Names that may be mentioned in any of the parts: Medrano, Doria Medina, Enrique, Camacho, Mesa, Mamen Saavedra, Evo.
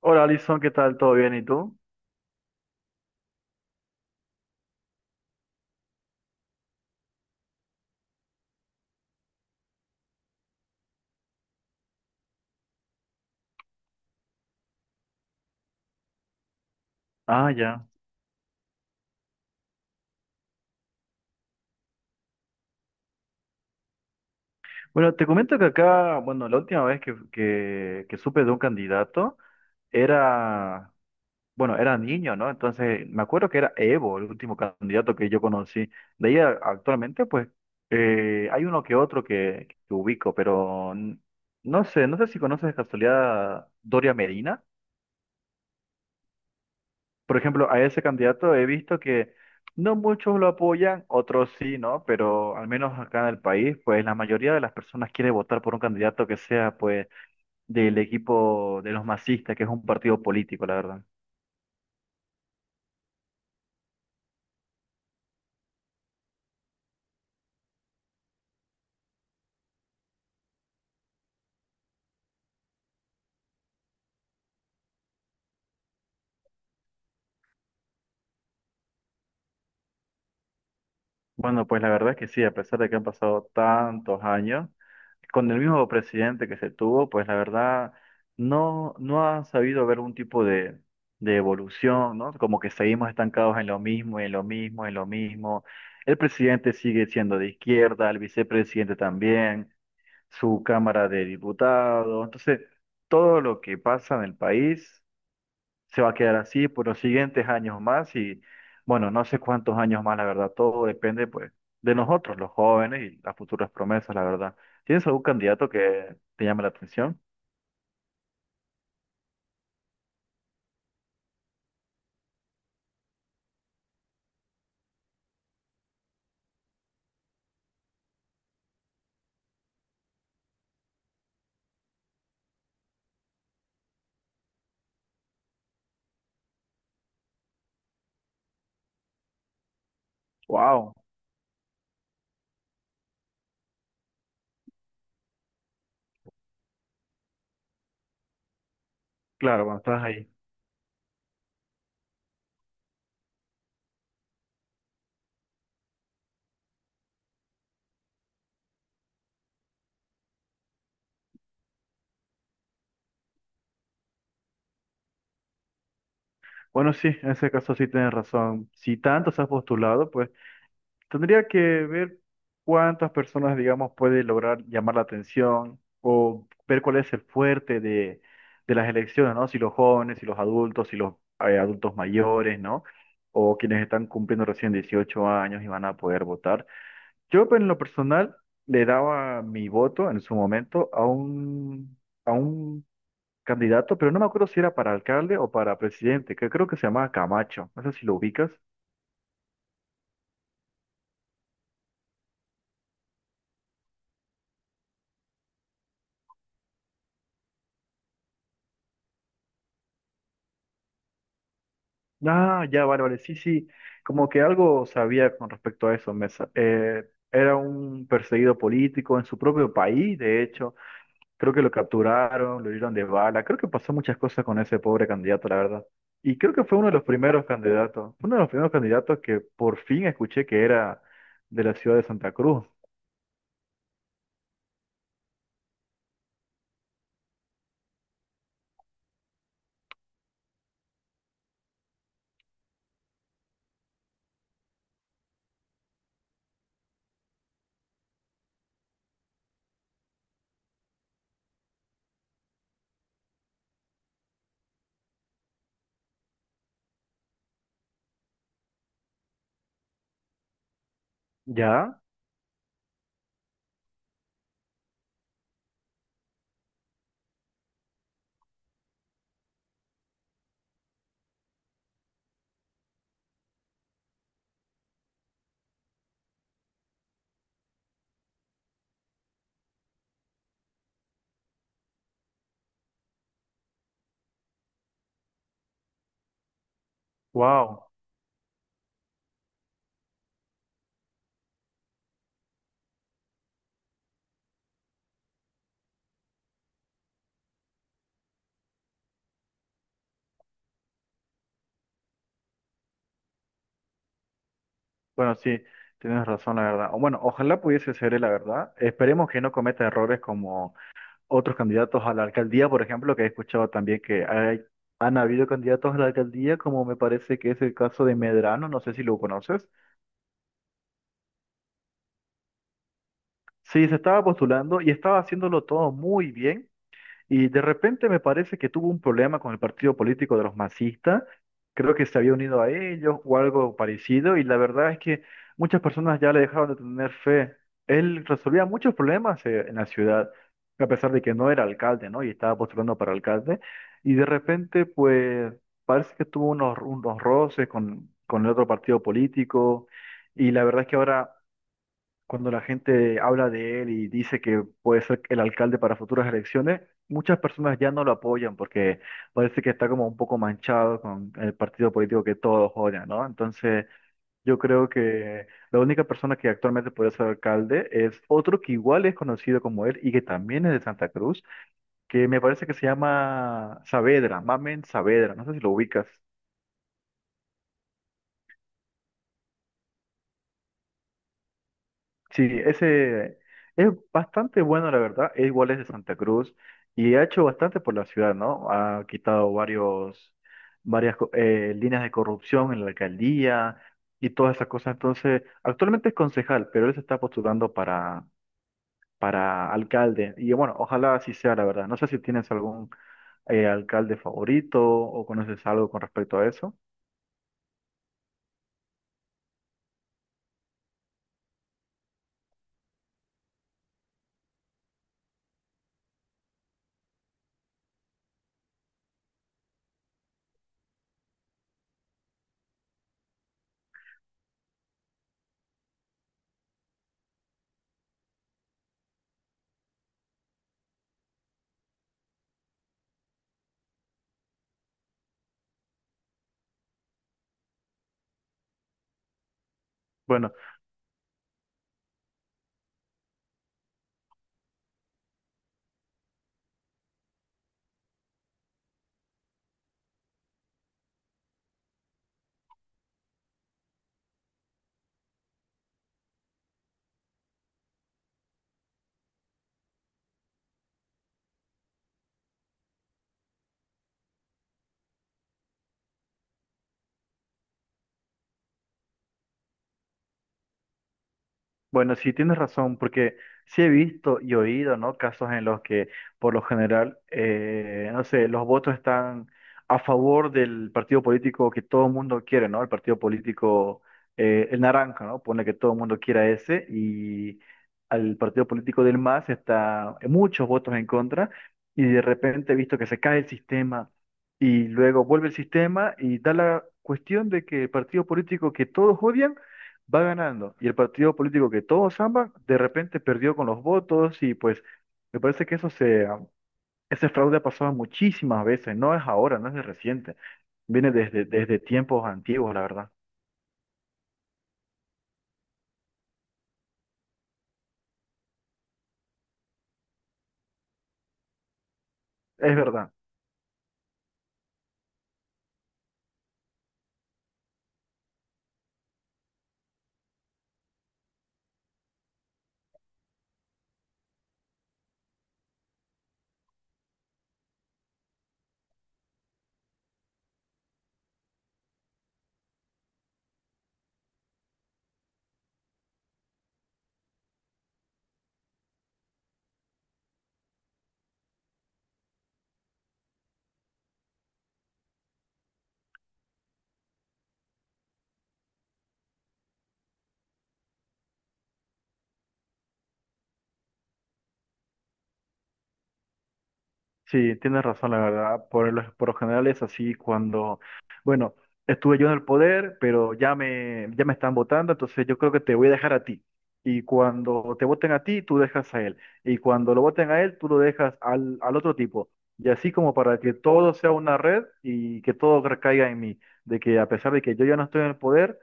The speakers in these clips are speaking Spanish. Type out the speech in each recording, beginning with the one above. Hola Alison, ¿qué tal? ¿Todo bien? ¿Y tú? Ah, ya. Bueno, te comento que acá, bueno, la última vez que supe de un candidato era, bueno, era niño, ¿no? Entonces, me acuerdo que era Evo, el último candidato que yo conocí. De ahí actualmente, pues, hay uno que otro que ubico, pero no sé, no sé si conoces de casualidad a Doria Medina. Por ejemplo, a ese candidato he visto que no muchos lo apoyan, otros sí, ¿no? Pero al menos acá en el país, pues la mayoría de las personas quiere votar por un candidato que sea, pues, del equipo de los masistas, que es un partido político, la verdad. Bueno, pues la verdad es que sí, a pesar de que han pasado tantos años, con el mismo presidente que se tuvo, pues la verdad no ha sabido haber un tipo de evolución, ¿no? Como que seguimos estancados en lo mismo, en lo mismo, en lo mismo. El presidente sigue siendo de izquierda, el vicepresidente también, su Cámara de Diputados. Entonces, todo lo que pasa en el país se va a quedar así por los siguientes años más y bueno, no sé cuántos años más, la verdad, todo depende pues de nosotros, los jóvenes y las futuras promesas, la verdad. ¿Tienes algún candidato que te llame la atención? Wow, claro, cuando estás ahí. Bueno, sí, en ese caso sí tienes razón. Si tanto se has postulado, pues tendría que ver cuántas personas, digamos, puede lograr llamar la atención o ver cuál es el fuerte de las elecciones, ¿no? Si los jóvenes, si los adultos, si los adultos mayores, ¿no? O quienes están cumpliendo recién 18 años y van a poder votar. Yo, pues, en lo personal, le daba mi voto en su momento a un candidato, pero no me acuerdo si era para alcalde o para presidente, que creo que se llamaba Camacho. No sé si lo ubicas. Ah, ya, vale, vale, sí, sí, como que algo sabía con respecto a eso, Mesa. Era un perseguido político en su propio país, de hecho, creo que lo capturaron, lo hirieron de bala, creo que pasó muchas cosas con ese pobre candidato, la verdad. Y creo que fue uno de los primeros candidatos, uno de los primeros candidatos que por fin escuché que era de la ciudad de Santa Cruz. ¿Ya? Wow. Bueno, sí, tienes razón, la verdad. O bueno, ojalá pudiese ser él, la verdad. Esperemos que no cometa errores como otros candidatos a la alcaldía, por ejemplo, que he escuchado también que hay, han habido candidatos a la alcaldía, como me parece que es el caso de Medrano, no sé si lo conoces. Sí, se estaba postulando y estaba haciéndolo todo muy bien. Y de repente me parece que tuvo un problema con el partido político de los masistas. Creo que se había unido a ellos o algo parecido. Y la verdad es que muchas personas ya le dejaron de tener fe. Él resolvía muchos problemas en la ciudad, a pesar de que no era alcalde, ¿no? Y estaba postulando para alcalde. Y de repente, pues, parece que tuvo unos, unos roces con el otro partido político. Y la verdad es que ahora cuando la gente habla de él y dice que puede ser el alcalde para futuras elecciones, muchas personas ya no lo apoyan porque parece que está como un poco manchado con el partido político que todos odian, ¿no? Entonces, yo creo que la única persona que actualmente puede ser alcalde es otro que igual es conocido como él y que también es de Santa Cruz, que me parece que se llama Saavedra, Mamen Saavedra, no sé si lo ubicas. Sí, ese es bastante bueno, la verdad. Es igual es de Santa Cruz y ha hecho bastante por la ciudad, ¿no? Ha quitado varios, varias líneas de corrupción en la alcaldía y todas esas cosas. Entonces, actualmente es concejal, pero él se está postulando para alcalde. Y bueno, ojalá así sea, la verdad. No sé si tienes algún alcalde favorito o conoces algo con respecto a eso. Bueno, bueno, sí tienes razón, porque sí he visto y oído, ¿no? Casos en los que, por lo general, no sé, los votos están a favor del partido político que todo el mundo quiere, ¿no? El partido político, el naranja, ¿no? Pone que todo el mundo quiera ese y al partido político del más está muchos votos en contra y de repente he visto que se cae el sistema y luego vuelve el sistema y da la cuestión de que el partido político que todos odian va ganando y el partido político que todos aman, de repente perdió con los votos y pues me parece que eso se, ese fraude ha pasado muchísimas veces, no es ahora, no es de reciente, viene desde, desde tiempos antiguos, la verdad. Es verdad. Sí, tienes razón, la verdad. Por lo general es así cuando, bueno, estuve yo en el poder, pero ya me están votando, entonces yo creo que te voy a dejar a ti. Y cuando te voten a ti, tú dejas a él. Y cuando lo voten a él, tú lo dejas al, al otro tipo. Y así como para que todo sea una red y que todo recaiga en mí. De que a pesar de que yo ya no estoy en el poder,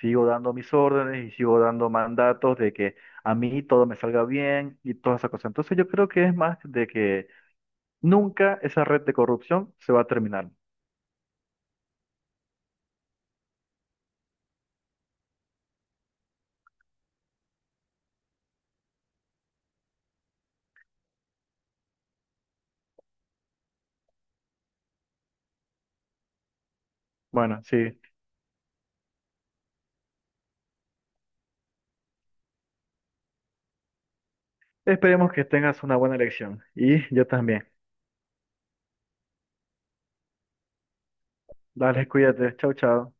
sigo dando mis órdenes y sigo dando mandatos de que a mí todo me salga bien y todas esas cosas. Entonces yo creo que es más de que nunca esa red de corrupción se va a terminar. Bueno, sí. Esperemos que tengas una buena elección. Y yo también. Dale, cuídate. Chau, chau.